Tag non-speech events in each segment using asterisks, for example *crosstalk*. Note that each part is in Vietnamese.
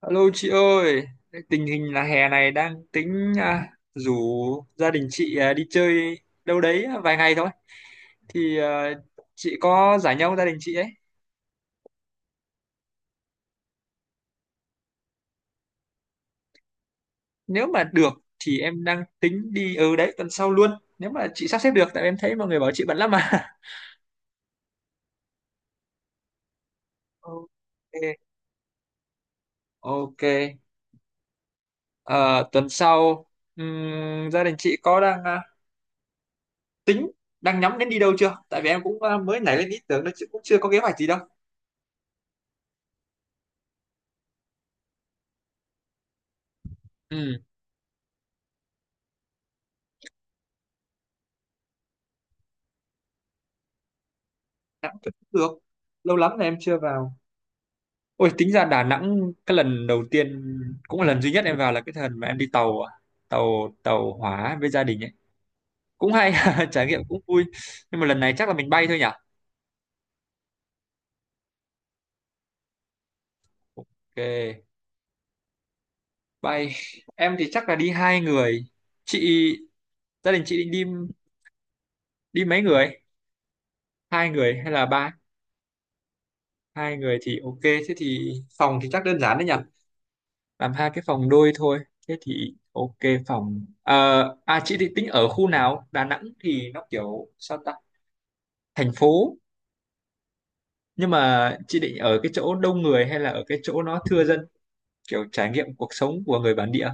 Alo chị ơi, tình hình là hè này đang tính rủ gia đình chị, đi chơi đâu đấy vài ngày thôi. Thì à, chị có rảnh nhau gia đình chị ấy. Nếu mà được thì em đang tính đi ở đấy tuần sau luôn. Nếu mà chị sắp xếp được, tại em thấy mọi người bảo chị bận lắm mà. *laughs* Ok, ok. Ờ, tuần sau gia đình chị có đang tính đang nhắm đến đi đâu chưa? Tại vì em cũng, mới nảy lên ý tưởng đó chứ cũng chưa có kế hoạch gì đâu. Ừ, cũng được. Lâu lắm là em chưa vào. Ôi tính ra Đà Nẵng cái lần đầu tiên cũng là lần duy nhất em vào là cái lần mà em đi tàu ạ. Tàu tàu hỏa với gia đình ấy, cũng hay. *laughs* Trải nghiệm cũng vui, nhưng mà lần này chắc là mình bay thôi nhỉ. Ok, bay. Em thì chắc là đi hai người. Chị, gia đình chị định đi, đi mấy người, hai người hay là ba? Hai người thì ok, thế thì phòng thì chắc đơn giản đấy nhỉ, làm hai cái phòng đôi thôi. Thế thì ok. Phòng. Ờ, à, chị thì tính ở khu nào? Đà Nẵng thì nó kiểu sao ta, thành phố, nhưng mà chị định ở cái chỗ đông người hay là ở cái chỗ nó thưa dân, kiểu trải nghiệm cuộc sống của người bản địa?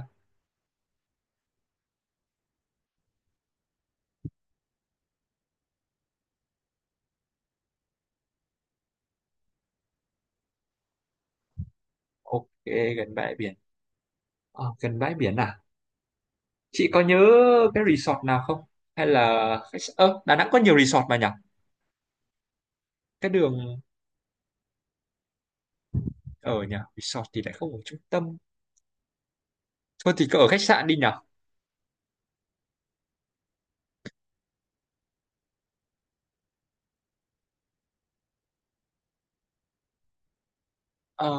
Ok, gần bãi biển. Ờ, gần bãi biển, à chị có nhớ cái resort nào không, hay là khách s- ơ Đà Nẵng có nhiều resort mà nhỉ, cái đường. Ở nhỉ, resort thì lại không ở trung tâm. Thôi thì cứ ở khách sạn đi nhỉ. Ờ.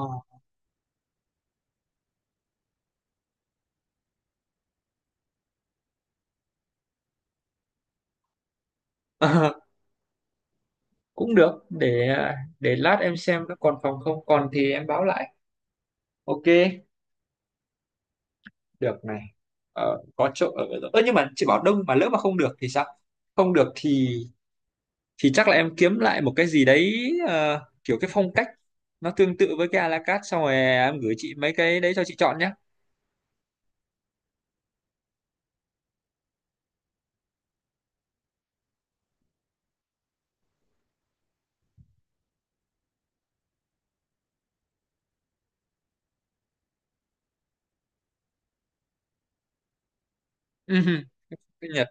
*laughs* Cũng được, để lát em xem nó còn phòng không, còn thì em báo lại. Ok, được này. Ờ, có chỗ ở. Ơ nhưng mà chị bảo đông mà lỡ mà không được thì sao? Không được thì chắc là em kiếm lại một cái gì đấy, kiểu cái phong cách nó tương tự với cái a la carte, xong rồi em gửi chị mấy cái đấy cho chị chọn nhé. Ừm, cái Nhật.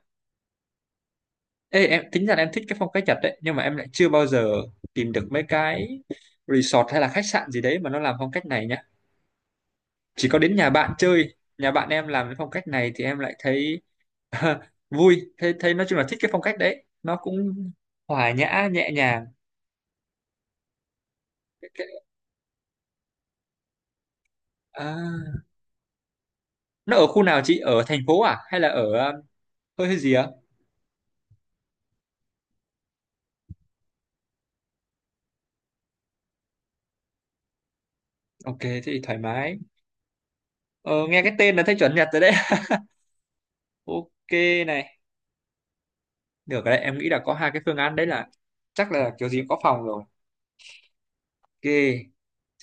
Ê, em tính ra là em thích cái phong cách Nhật đấy, nhưng mà em lại chưa bao giờ tìm được mấy cái resort hay là khách sạn gì đấy mà nó làm phong cách này nhá. Chỉ có đến nhà bạn chơi, nhà bạn em làm cái phong cách này thì em lại thấy *laughs* vui. Thế thế nói chung là thích cái phong cách đấy, nó cũng hòa nhã nhẹ nhàng. Cái- cái- À, nó ở khu nào? Chị ở thành phố à, hay là ở hơi hơi gì á? Ok thế thì thoải mái. Ờ, nghe cái tên là thấy chuẩn Nhật rồi đấy. *laughs* Ok này, được rồi đấy, em nghĩ là có hai cái phương án đấy, là chắc là kiểu gì cũng có phòng rồi. Ok,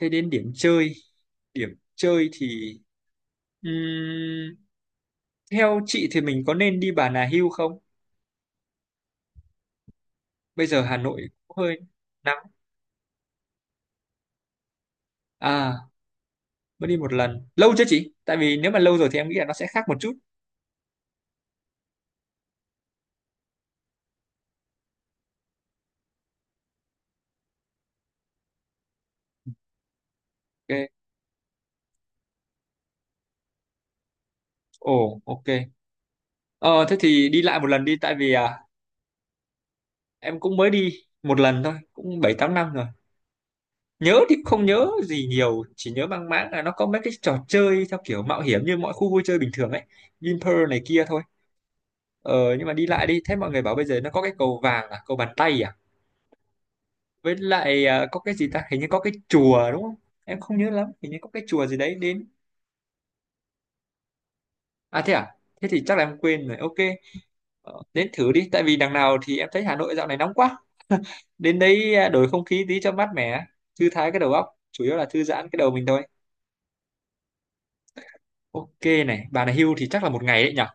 thế đến điểm chơi. Điểm chơi thì, ừm, theo chị thì mình có nên đi Bà Nà Hills không? Bây giờ Hà Nội cũng hơi nắng. À mới đi một lần, lâu chưa chị, tại vì nếu mà lâu rồi thì em nghĩ là nó sẽ khác một chút. Ok, ồ ok. Ờ thế thì đi lại một lần đi, tại vì, à, em cũng mới đi một lần thôi, cũng 7 8 năm rồi. Nhớ thì cũng không nhớ gì nhiều, chỉ nhớ mang máng là nó có mấy cái trò chơi theo kiểu mạo hiểm như mọi khu vui chơi bình thường ấy, Vinpearl này kia thôi. Ờ nhưng mà đi lại đi. Thế mọi người bảo bây giờ nó có cái cầu vàng à, cầu bàn tay à. Với lại, à, có cái gì ta, hình như có cái chùa đúng không, em không nhớ lắm, hình như có cái chùa gì đấy đến. À thế à, thế thì chắc là em quên rồi. Ok. Ờ, đến thử đi, tại vì đằng nào thì em thấy Hà Nội dạo này nóng quá. Đến đấy đổi không khí tí cho mát mẻ, thư thái cái đầu óc, chủ yếu là thư giãn cái đầu mình thôi. Ok này, bà này hưu thì chắc là một ngày đấy nhở?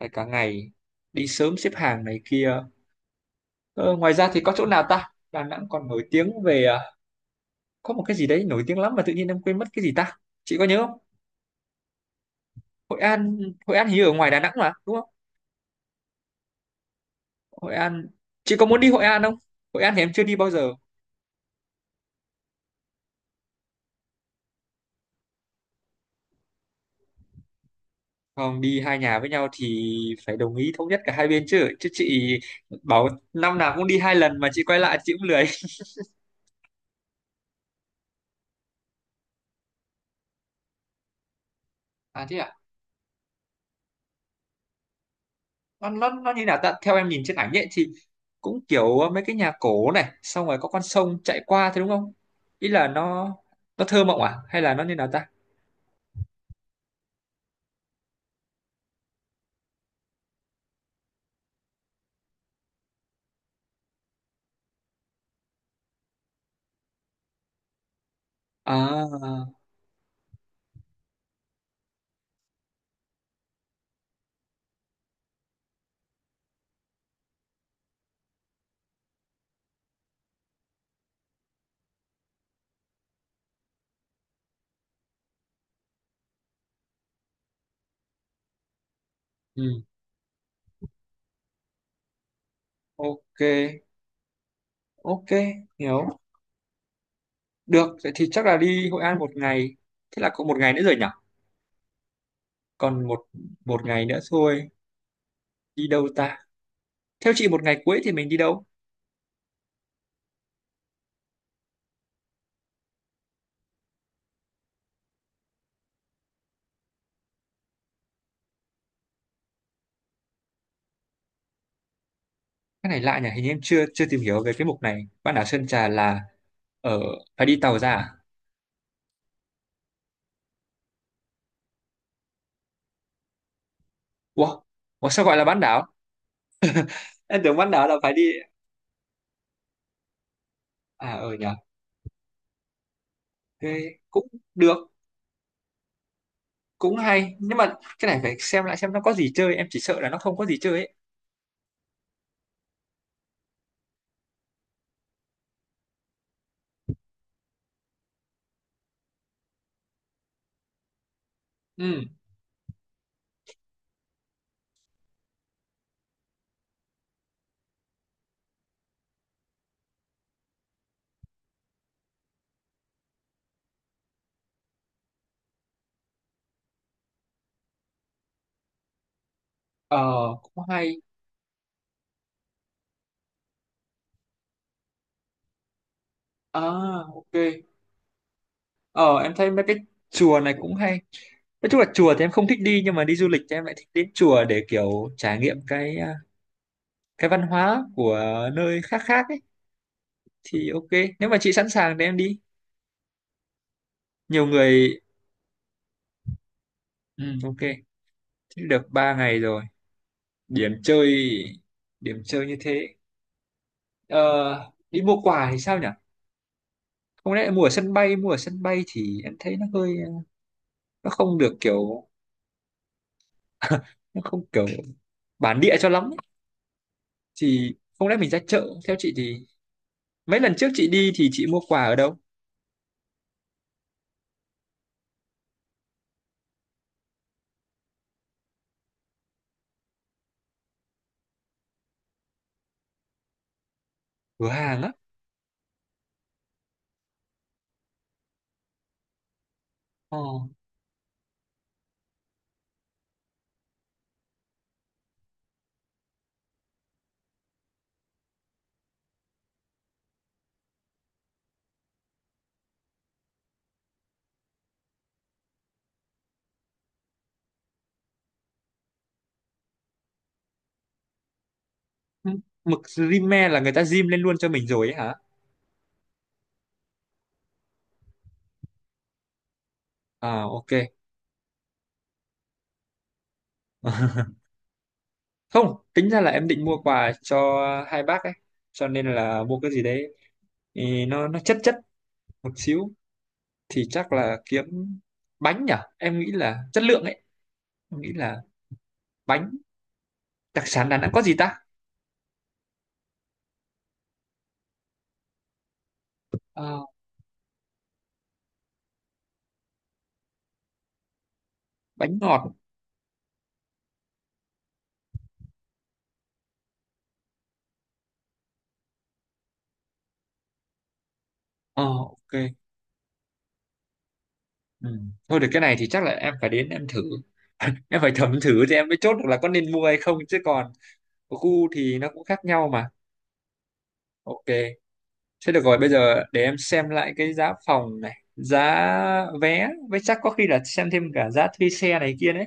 Phải cả ngày, đi sớm xếp hàng này kia. Ờ, ngoài ra thì có chỗ nào ta? Đà Nẵng còn nổi tiếng về, có một cái gì đấy nổi tiếng lắm mà tự nhiên em quên mất, cái gì ta? Chị có nhớ không? Hội An, Hội An hình như ở ngoài Đà Nẵng mà, đúng không? Hội An, chị có muốn đi Hội An không? Hội An thì em chưa đi bao giờ. Không đi hai nhà với nhau thì phải đồng ý thống nhất cả hai bên chứ chứ chị bảo năm nào cũng đi hai lần mà chị quay lại chị cũng lười. À thế à, nó như nào ta? Theo em nhìn trên ảnh ấy thì cũng kiểu, ờ, mấy cái nhà cổ này, xong rồi có con sông chạy qua thế đúng không? Ý là nó thơ mộng à hay là nó như nào ta? À ừ, ok ok, hiểu. Được vậy thì chắc là đi Hội An một ngày. Thế là có một ngày nữa rồi nhỉ. Còn một, một ngày nữa thôi, đi đâu ta? Theo chị một ngày cuối thì mình đi đâu? Cái này lạ nhỉ, hình như em chưa chưa tìm hiểu về cái mục này, bán đảo Sơn Trà là ở, phải đi tàu ra à? Ủa? Ủa sao gọi là bán đảo, em tưởng bán đảo là phải đi. À ờ nhỉ, thế cũng được, cũng hay, nhưng mà cái này phải xem lại xem nó có gì chơi, em chỉ sợ là nó không có gì chơi ấy. Ừ, ờ cũng hay. À ok, ờ em thấy mấy cái chùa này cũng hay. Nói chung là chùa thì em không thích đi, nhưng mà đi du lịch thì em lại thích đến chùa để kiểu trải nghiệm cái, à, cái văn hóa của nơi khác khác ấy. Thì ok, nếu mà chị sẵn sàng thì em đi nhiều người. Ừ, ok, thế được 3 ngày rồi. Điểm chơi, điểm chơi như thế. Ờ, đi mua quà thì sao nhỉ? Không lẽ mua ở sân bay, mua ở sân bay thì em thấy nó hơi, nó không được kiểu *laughs* nó không kiểu bản địa cho lắm ấy. Thì không lẽ mình ra chợ, theo chị thì mấy lần trước chị đi thì chị mua quà ở đâu? Cửa hàng á. Ờ. Mực rímel là người ta rim lên luôn cho mình rồi ấy hả? À ok. Không tính ra là em định mua quà cho hai bác ấy, cho nên là mua cái gì đấy thì nó chất chất một xíu, thì chắc là kiếm bánh nhở, em nghĩ là chất lượng ấy. Em nghĩ là bánh, đặc sản Đà Nẵng có gì ta? Ờ, bánh ngọt. Ờ ok. Ừ. Thôi được, cái này thì chắc là em phải đến em thử *laughs* em phải thẩm thử thì em mới chốt được là có nên mua hay không, chứ còn khu thì nó cũng khác nhau mà. Ok. Thế được rồi, bây giờ để em xem lại cái giá phòng này, giá vé, với chắc có khi là xem thêm cả giá thuê xe này kia đấy.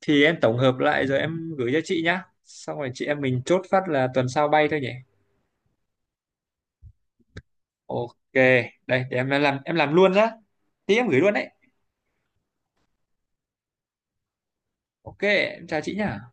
Thì em tổng hợp lại rồi em gửi cho chị nhá. Xong rồi chị em mình chốt phát là tuần sau bay thôi nhỉ. Ok, đây để em làm, em làm luôn nhá. Tí em gửi luôn đấy. Ok, em chào chị nhá.